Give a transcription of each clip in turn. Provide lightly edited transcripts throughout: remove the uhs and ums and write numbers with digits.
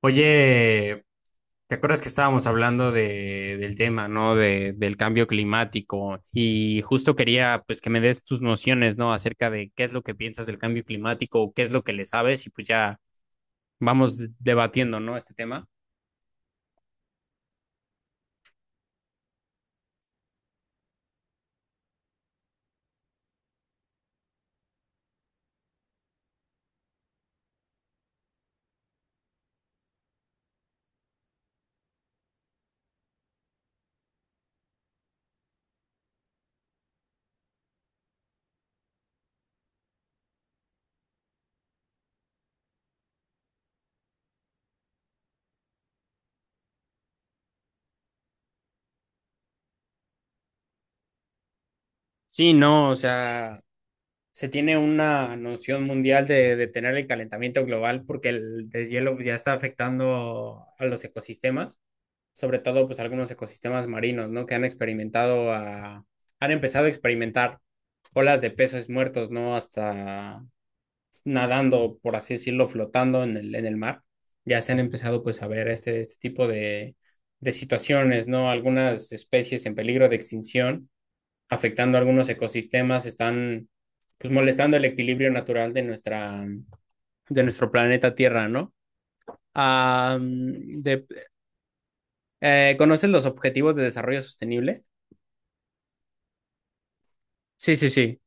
Oye, ¿te acuerdas que estábamos hablando del tema, ¿no? Del cambio climático, y justo quería, pues, que me des tus nociones, ¿no? Acerca de qué es lo que piensas del cambio climático, o qué es lo que le sabes, y pues ya vamos debatiendo, ¿no?, este tema. Sí, no, o sea, se tiene una noción mundial de detener el calentamiento global porque el deshielo ya está afectando a los ecosistemas. Sobre todo pues algunos ecosistemas marinos, ¿no? Que han han empezado a experimentar olas de peces muertos, ¿no? Hasta nadando, por así decirlo, flotando en el mar. Ya se han empezado pues a ver este tipo de situaciones, ¿no? Algunas especies en peligro de extinción, afectando a algunos ecosistemas, están pues molestando el equilibrio natural de de nuestro planeta Tierra, ¿no? Ah, de, ¿Conoces los objetivos de desarrollo sostenible? Sí, sí, sí.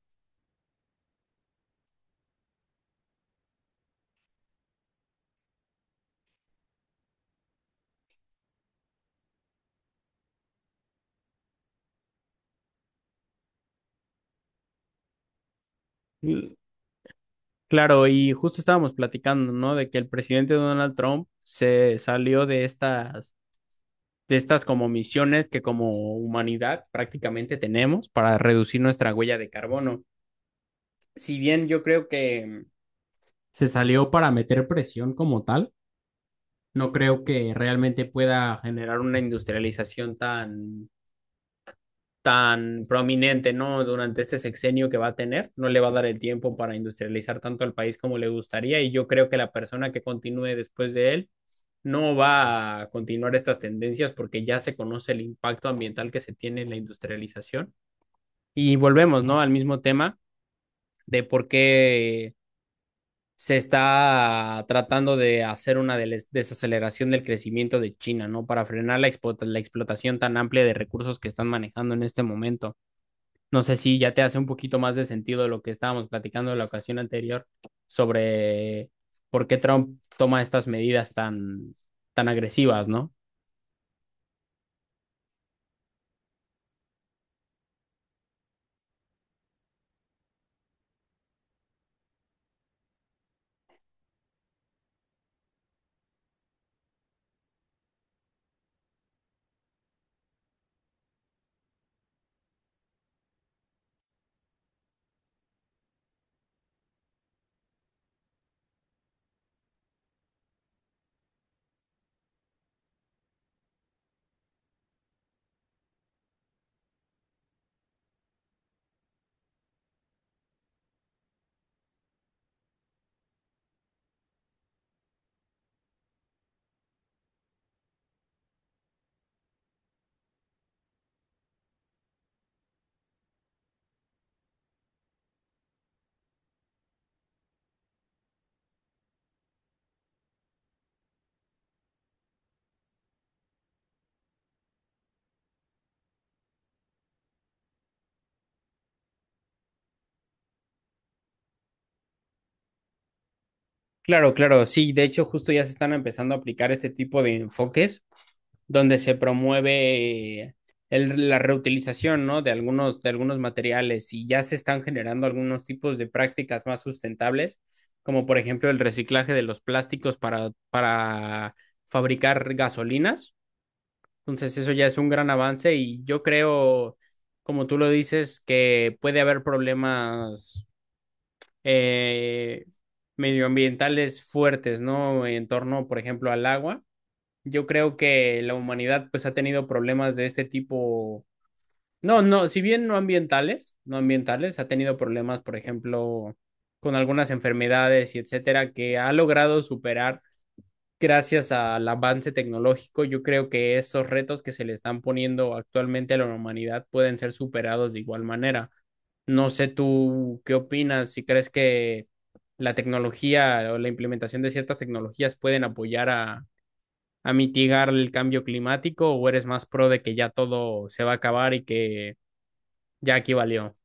L- Claro, y justo estábamos platicando, ¿no?, de que el presidente Donald Trump se salió de estas como misiones que como humanidad prácticamente tenemos para reducir nuestra huella de carbono. Si bien yo creo que se salió para meter presión como tal, no creo que realmente pueda generar una industrialización tan prominente, ¿no? Durante este sexenio que va a tener, no le va a dar el tiempo para industrializar tanto al país como le gustaría, y yo creo que la persona que continúe después de él no va a continuar estas tendencias, porque ya se conoce el impacto ambiental que se tiene en la industrialización. Y volvemos, ¿no?, al mismo tema de por qué se está tratando de hacer una desaceleración del crecimiento de China, ¿no? Para frenar la explotación tan amplia de recursos que están manejando en este momento. No sé si ya te hace un poquito más de sentido lo que estábamos platicando en la ocasión anterior sobre por qué Trump toma estas medidas tan agresivas, ¿no? Claro, claro, sí, de hecho justo ya se están empezando a aplicar este tipo de enfoques donde se promueve la reutilización, ¿no?, de de algunos materiales, y ya se están generando algunos tipos de prácticas más sustentables, como por ejemplo el reciclaje de los plásticos para fabricar gasolinas. Entonces eso ya es un gran avance, y yo creo, como tú lo dices, que puede haber problemas eh, medioambientales fuertes, ¿no? En torno, por ejemplo, al agua. Yo creo que la humanidad pues ha tenido problemas de este tipo. No, si bien no ambientales, ha tenido problemas, por ejemplo, con algunas enfermedades y etcétera, que ha logrado superar gracias al avance tecnológico. Yo creo que esos retos que se le están poniendo actualmente a la humanidad pueden ser superados de igual manera. No sé tú qué opinas, si crees que la tecnología o la implementación de ciertas tecnologías pueden apoyar a mitigar el cambio climático, o eres más pro de que ya todo se va a acabar y que ya aquí valió.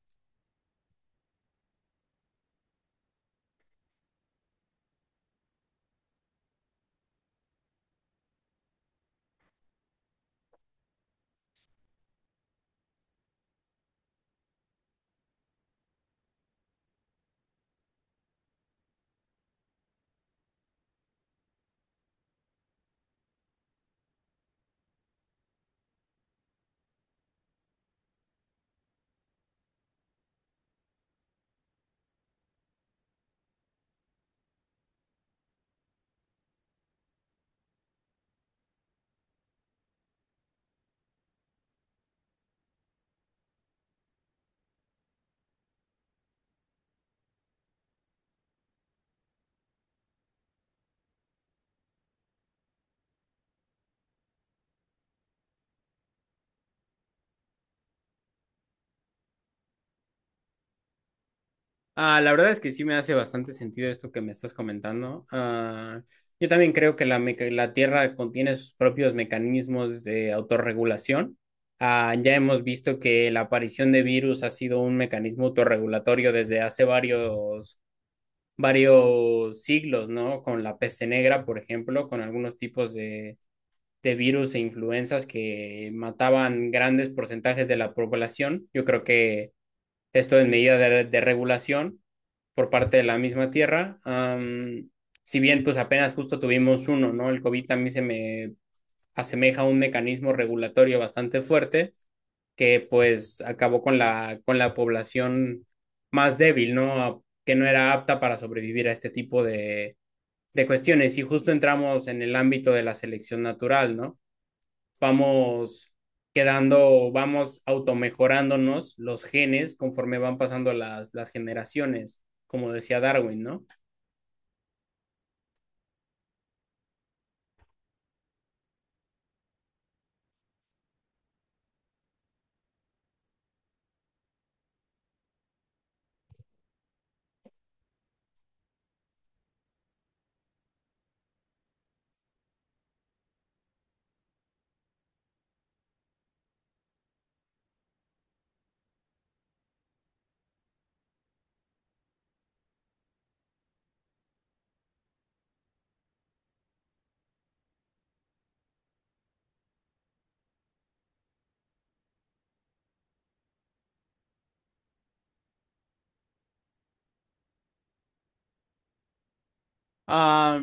La verdad es que sí me hace bastante sentido esto que me estás comentando. Yo también creo que la Tierra contiene sus propios mecanismos de autorregulación. Ya hemos visto que la aparición de virus ha sido un mecanismo autorregulatorio desde hace varios siglos, ¿no? Con la peste negra, por ejemplo, con algunos tipos de virus e influencias que mataban grandes porcentajes de la población. Yo creo que esto en medida de regulación por parte de la misma tierra. Si bien pues apenas justo tuvimos uno, ¿no? El COVID también se me asemeja a un mecanismo regulatorio bastante fuerte, que pues acabó con la población más débil, ¿no? Que no era apta para sobrevivir a este tipo de cuestiones. Y justo entramos en el ámbito de la selección natural, ¿no? Vamos quedando, vamos automejorándonos los genes conforme van pasando las generaciones, como decía Darwin, ¿no? Ah,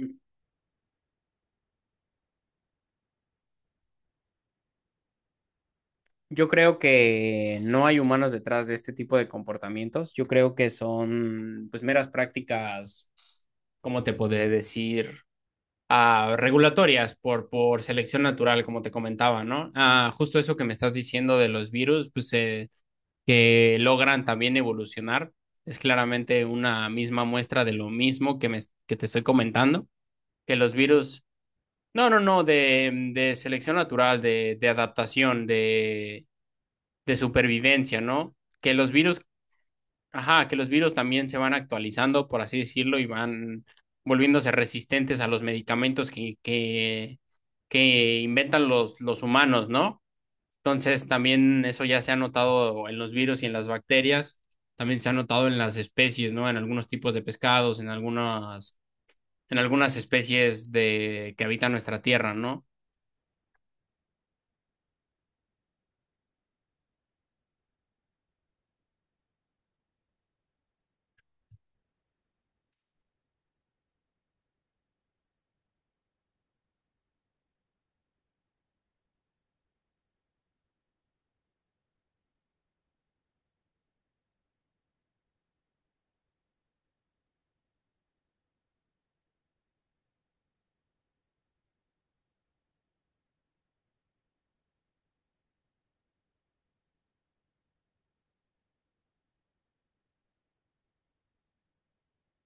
yo creo que no hay humanos detrás de este tipo de comportamientos. Yo creo que son pues meras prácticas, ¿cómo te podré decir? Regulatorias por selección natural, como te comentaba, ¿no? Ah, justo eso que me estás diciendo de los virus, pues que logran también evolucionar. Es claramente una misma muestra de lo mismo que te estoy comentando, que los virus, no, no, no, de selección natural, de adaptación, de supervivencia, ¿no? Que los virus, ajá, que los virus también se van actualizando, por así decirlo, y van volviéndose resistentes a los medicamentos que inventan los humanos, ¿no? Entonces, también eso ya se ha notado en los virus y en las bacterias, también se ha notado en las especies, ¿no? En algunos tipos de pescados, en en algunas especies de, que habitan nuestra tierra, ¿no?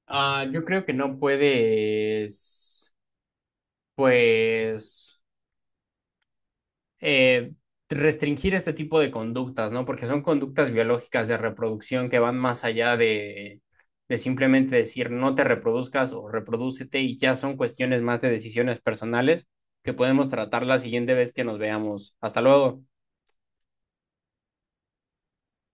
Yo creo que no puedes, pues, eh, restringir este tipo de conductas, ¿no? Porque son conductas biológicas de reproducción que van más allá de simplemente decir no te reproduzcas o reprodúcete, y ya son cuestiones más de decisiones personales que podemos tratar la siguiente vez que nos veamos. Hasta luego.